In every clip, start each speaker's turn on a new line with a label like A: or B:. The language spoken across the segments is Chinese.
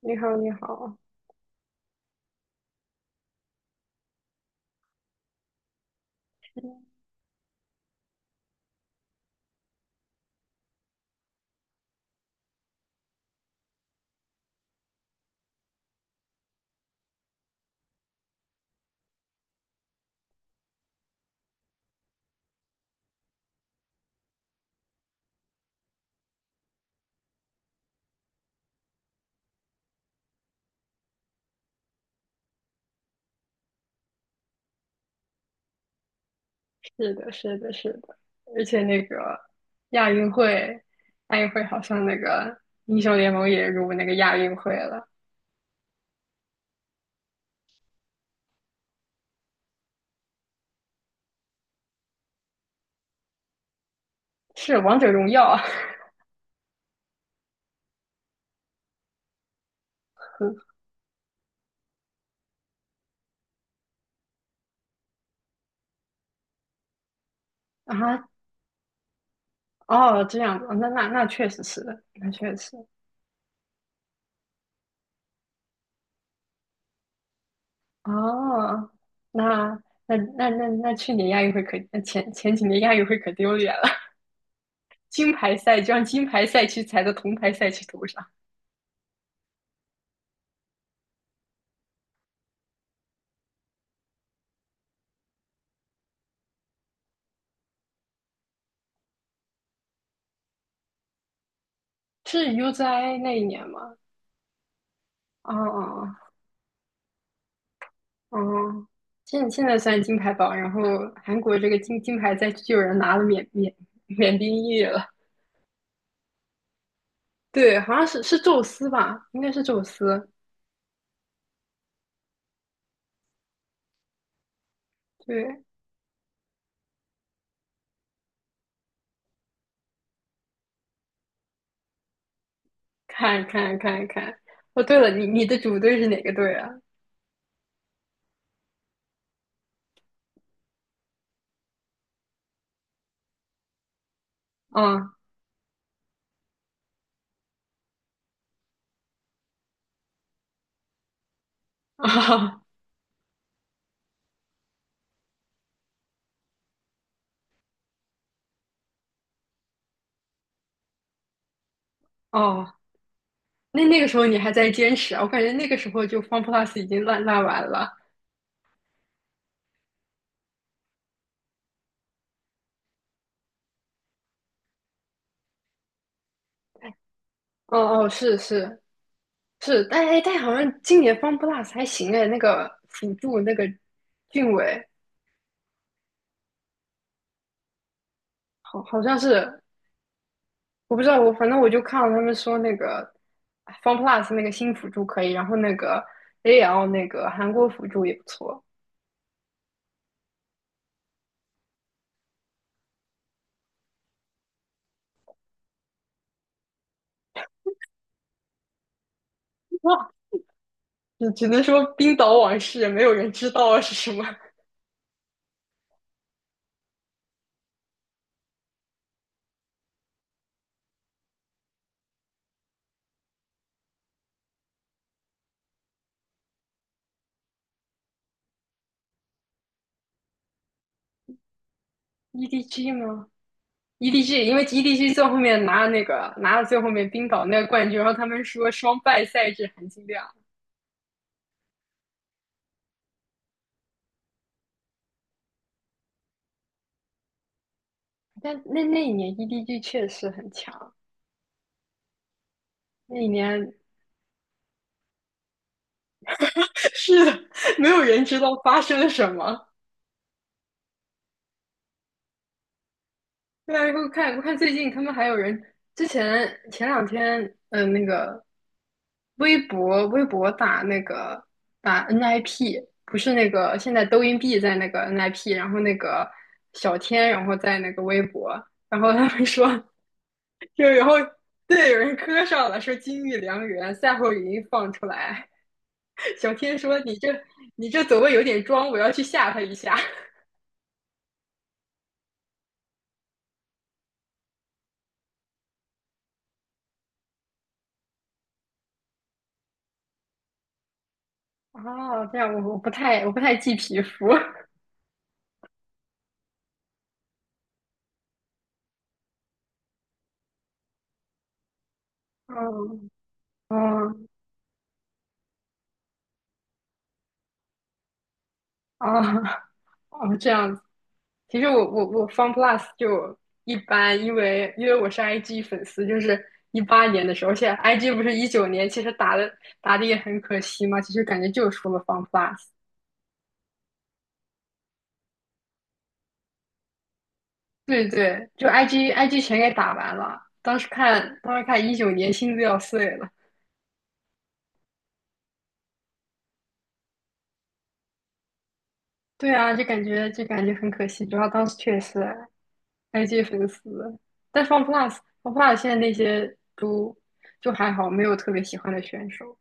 A: 你好，你好，是的，是的，是的。而且那个亚运会，亚运会好像那个英雄联盟也入那个亚运会了，是王者荣耀 啊。啊，哦，这样子。哦，那确实是的，那确实。哦，那去年亚运会可，那前几年亚运会可丢脸了。金牌赛就让金牌赛区踩在铜牌赛区头上。是 U z i 那一年吗？哦哦哦，现在算金牌榜，然后韩国这个金牌再就有人拿了缅甸裔了。对，好像是宙斯吧，应该是宙斯。对，看看看看。哦，对了，你的主队是哪个队啊？嗯，哦哦。那那个时候你还在坚持啊？我感觉那个时候就 FunPlus 已经烂完了。哦哦，是是是，但好像今年 FunPlus 还行哎，那个辅助那个俊伟，好像是。我不知道，我反正我就看了他们说那个 FunPlus 那个新辅助可以，然后那个 AL 那个韩国辅助也不错。哇，只能说冰岛往事，没有人知道啊是什么。 EDG 吗？EDG，因为 EDG 最后面拿了那个拿了最后面冰岛那个冠军，然后他们说双败赛制含金量。但那那一年 EDG 确实很强。那一年 是的，没有人知道发生了什么。对啊，我看最近他们还有人。之前前两天，嗯，那个微博打那个打 NIP。不是那个现在抖音币在那个 NIP，然后那个小天，然后在那个微博，然后他们说，就然后对有人磕上了，说金玉良缘，赛后语音放出来。小天说你这走位有点装，我要去吓他一下。哦，这样我不太记皮肤。哦哦，啊哦，这样子。其实我 FunPlus 就一般，因为我是 IG 粉丝，就是18年的时候。而且 IG 不是一九年，其实打的也很可惜嘛。其实感觉就输了 FunPlus。对对，就 IG 全给打完了。当时看一九年，心都要碎了。对啊，就感觉很可惜。主要当时确实 IG 粉丝，但 FunPlus 现在那些都就还好，没有特别喜欢的选手。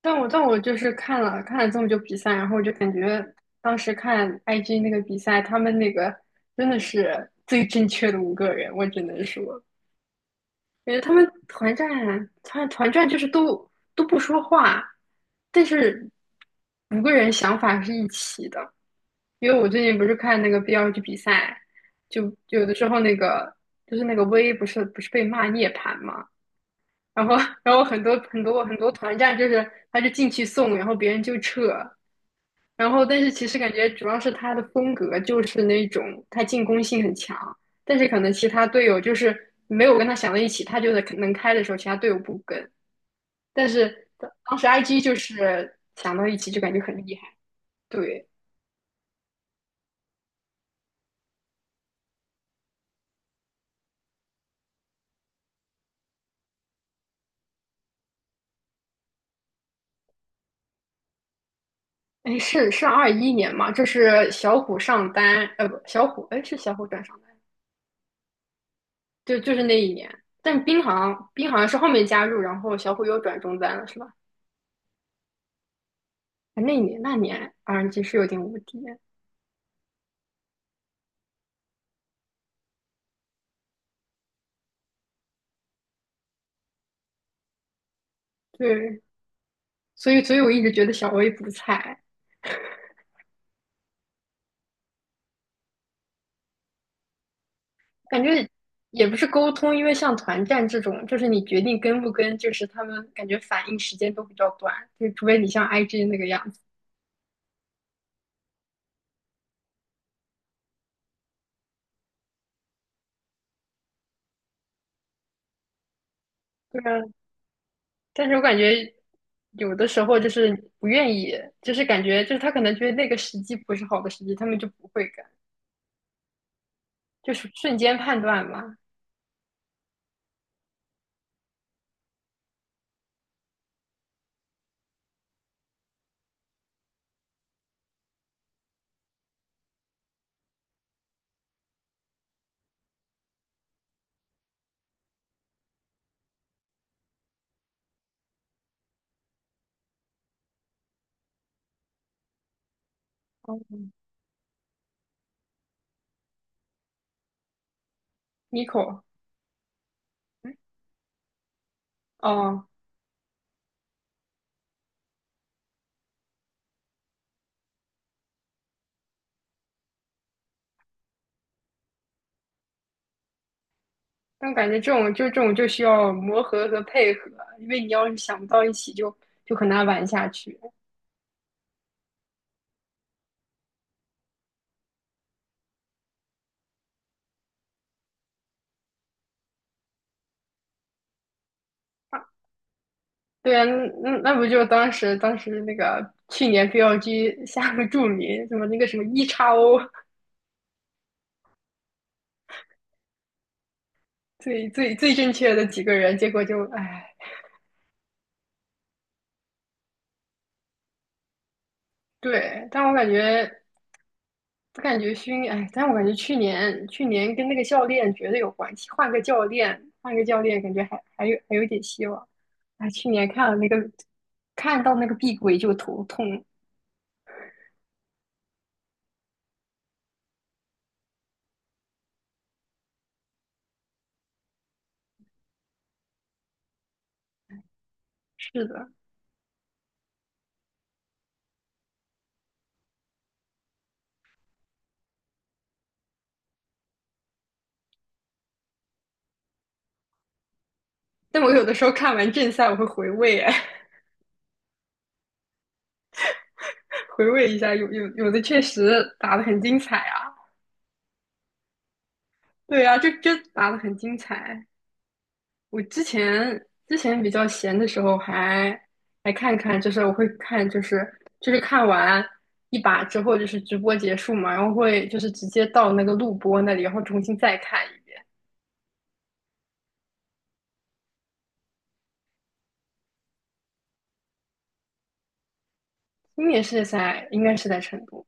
A: 但我就是看了这么久比赛，然后我就感觉当时看 IG 那个比赛，他们那个真的是最正确的五个人，我只能说。感觉他们团战就是都不说话，但是五个人想法是一起的。因为我最近不是看那个 BLG 比赛，就有的时候那个就是那个 V 不是被骂涅槃嘛，然后然后很多很多很多团战就是他就进去送，然后别人就撤，然后但是其实感觉主要是他的风格就是那种，他进攻性很强，但是可能其他队友就是没有跟他想到一起，他就能开的时候其他队友不跟，但是当时 IG 就是想到一起就感觉很厉害。对。哎，是21年嘛？这是小虎上单，不，小虎，哎，是小虎转上单。就是那一年。但冰好像是后面加入，然后小虎又转中单了，是吧？啊那一年那年 RNG 是有点无敌。对，所以我一直觉得小威不菜。感觉也不是沟通，因为像团战这种，就是你决定跟不跟，就是他们感觉反应时间都比较短，就除非你像 IG 那个样子。对啊，但是我感觉有的时候就是不愿意，就是感觉就是他可能觉得那个时机不是好的时机，他们就不会跟，就是瞬间判断嘛。哦 Nico，哦，但我感觉这种就这种就需要磨合和配合。因为你要是想不到一起就，就很难玩下去。啊对啊。那那不就当时那个去年 BLG 下个注明什么那个什么 EXO 最最最正确的几个人，结果就唉。对，但我感觉熏，哎，但我感觉去年跟那个教练绝对有关系，换个教练，换个教练，感觉还有点希望。哎，去年看了那个，看到那个碧桂就头痛。是的，但我有的时候看完正赛，我会回味。哎，回味一下，有的确实打的很精彩啊。对啊，就打的很精彩。我之前比较闲的时候还看看，就是我会看，就是看完一把之后，就是直播结束嘛，然后会就是直接到那个录播那里，然后重新再看一遍。今年是在应该是在成都，